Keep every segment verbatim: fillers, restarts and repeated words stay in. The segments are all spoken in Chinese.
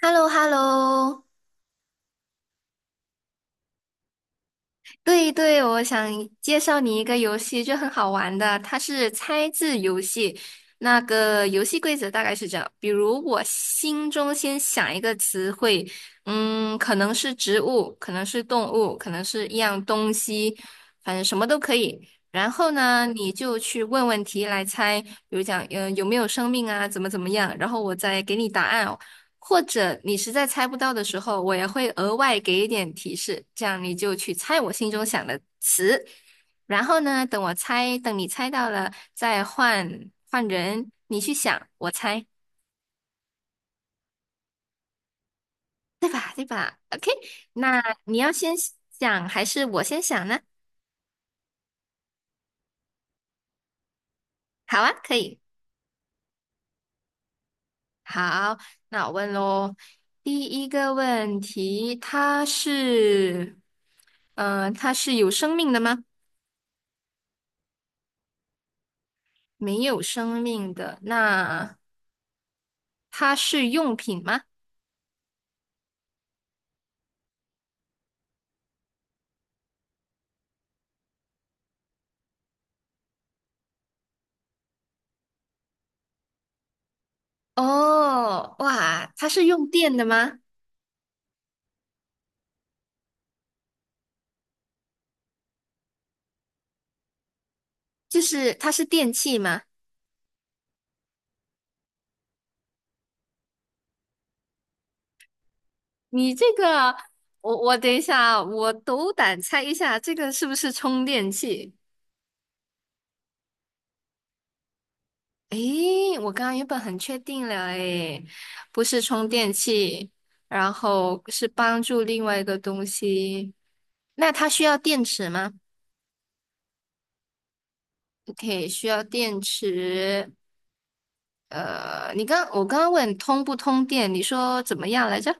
h e l l o h e l l o 对对，我想介绍你一个游戏，就很好玩的，它是猜字游戏。那个游戏规则大概是这样，比如我心中先想一个词汇，嗯，可能是植物，可能是动物，可能是一样东西，反正什么都可以。然后呢，你就去问问题来猜，比如讲，嗯，有没有生命啊，怎么怎么样，然后我再给你答案，哦。或者你实在猜不到的时候，我也会额外给一点提示，这样你就去猜我心中想的词。然后呢，等我猜，等你猜到了，再换换人，你去想，我猜。OK，那你要先想还是我先想呢？好啊，可以。好，那我问喽。第一个问题，它是，嗯、它是有生命的吗？没有生命的。那它是用品吗？哦，哇，它是用电的吗？就是它是电器吗？你这个，我我等一下，我斗胆猜一下，这个是不是充电器？诶，我刚刚原本很确定了，诶，不是充电器，然后是帮助另外一个东西。那它需要电池吗？OK，需要电池。呃，你刚我刚刚问通不通电，你说怎么样来着？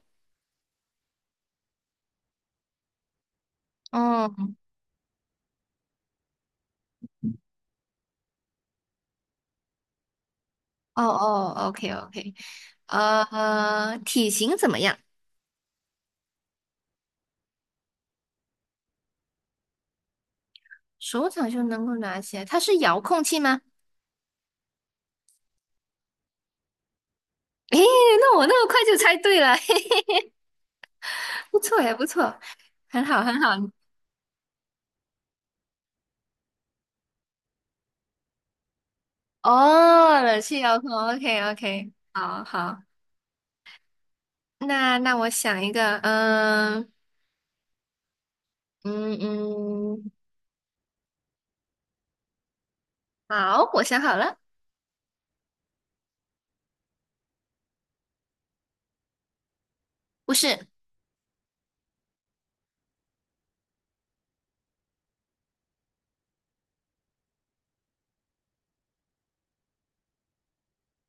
哦。哦哦，OK OK，呃，体型怎么样？手掌就能够拿起来，它是遥控器吗？诶，那我那么快就猜对了，不错也不错，很好很好。哦，冷气遥控，OK OK，好好。那那我想一个，嗯嗯嗯，好，我想好了，不是，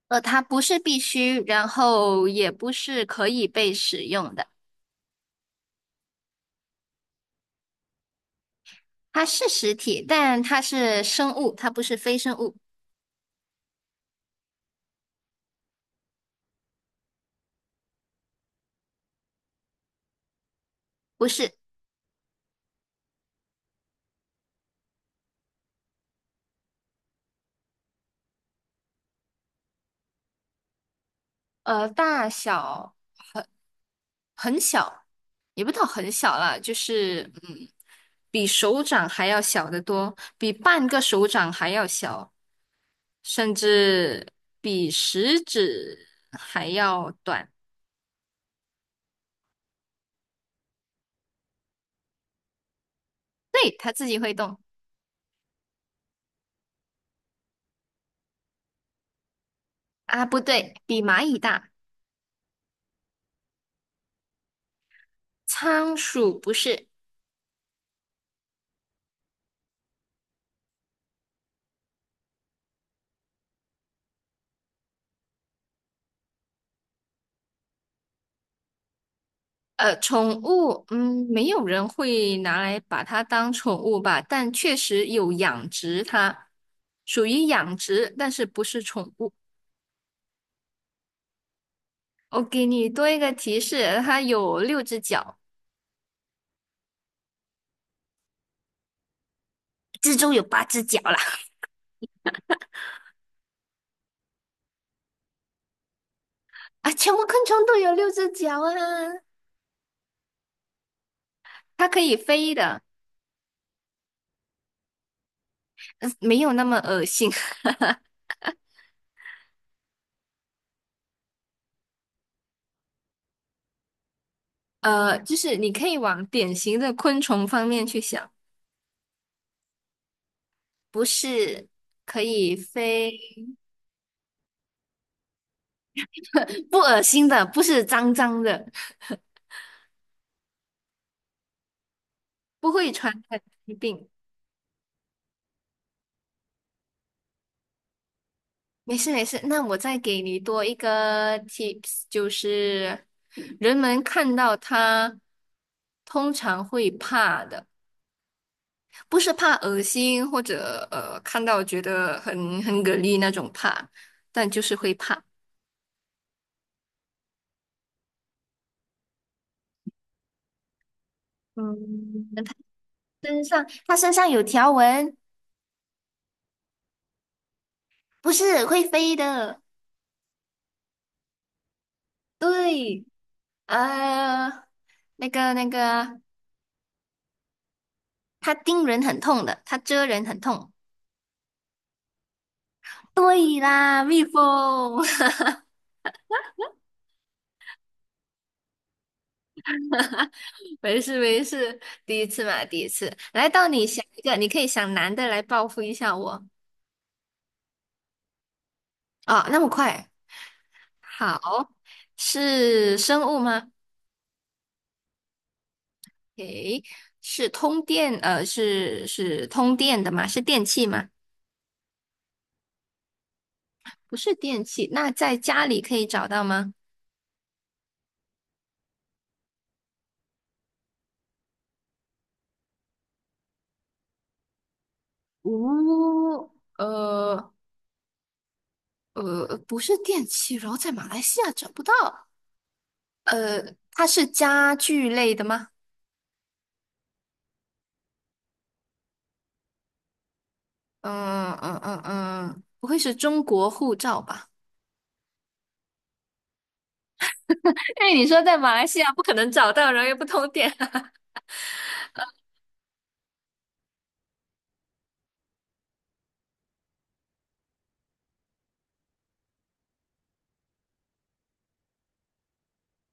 呃，它不是必须，然后也不是可以被使用的，它是实体，但它是生物，它不是非生物。不是，呃，大小很小，也不到很小啦，就是嗯，比手掌还要小得多，比半个手掌还要小，甚至比食指还要短。对，它自己会动啊，不对，比蚂蚁大。仓鼠不是，呃，宠物，嗯，没有人会拿来把它当宠物吧，但确实有养殖它，属于养殖，但是不是宠物。我给你多一个提示，它有六只脚。蜘蛛有八只脚啦，啊，全部昆虫都有六只脚啊，它可以飞的，呃没有那么恶心。呃，就是你可以往典型的昆虫方面去想，不是可以飞，不恶心的，不是脏脏的，不会传染疾病。没事没事，那我再给你多一个 tips，就是人们看到它通常会怕的。不是怕恶心或者呃看到觉得很很给力那种怕，但就是会怕。嗯，它身上有条纹，不是会飞的。对，呃，那个那个，它叮人很痛的，它蛰人很痛。对啦，蜜蜂。没事没事，第一次嘛，第一次。来到你想一个，你可以想男的来报复一下我。啊，那么快？好，是生物吗？诶，是通电，呃，是是通电的吗？是电器吗？不是电器，那在家里可以找到吗？哦，呃呃，不是电器，然后在马来西亚找不到。呃，它是家具类的吗？嗯嗯嗯嗯，不会是中国护照吧？哎，你说在马来西亚不可能找到，然后又不通电。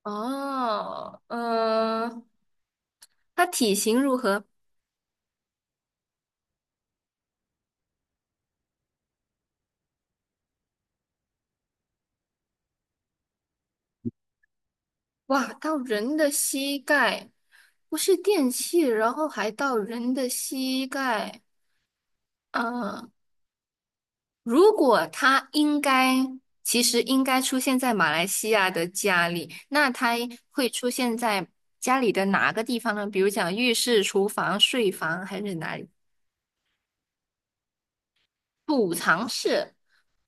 哦，呃，它体型如何？哇，到人的膝盖，不是电器，然后还到人的膝盖。嗯，如果它应该，其实应该出现在马来西亚的家里，那它会出现在家里的哪个地方呢？比如讲浴室、厨房、睡房还是哪里？储藏室，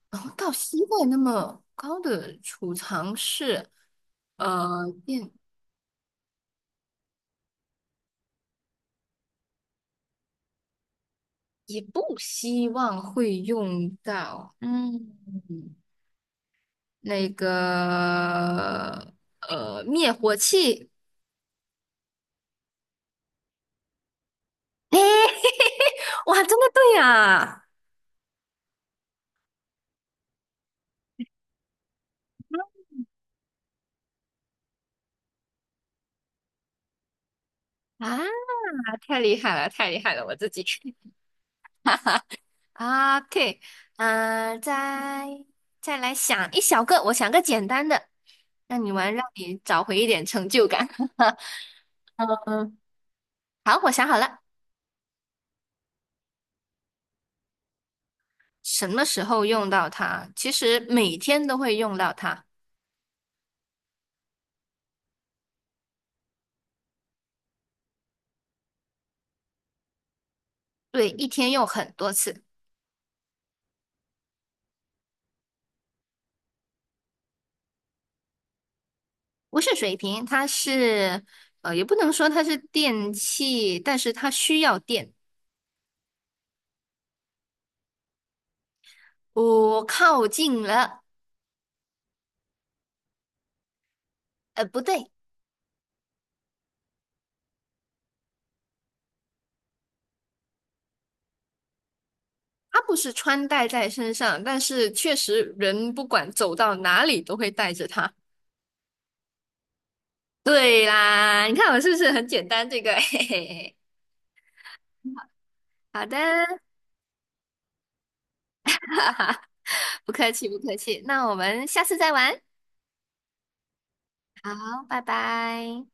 然后到膝盖那么高的储藏室，呃，电也不希望会用到。嗯。那个呃灭火器 诶，哇，真的对啊！啊，太厉害了，太厉害了，我自己。OK，嗯、呃再再来想一小个，我想个简单的，让你玩，让你找回一点成就感。嗯，好，我想好了，什么时候用到它？其实每天都会用到它，对，一天用很多次。不是水瓶，它是呃，也不能说它是电器，但是它需要电。我靠近了，呃，不对，它不是穿戴在身上，但是确实人不管走到哪里都会带着它。对啦，你看我是不是很简单？这个，嘿嘿嘿。好的，不客气，不客气。那我们下次再玩，好，拜拜。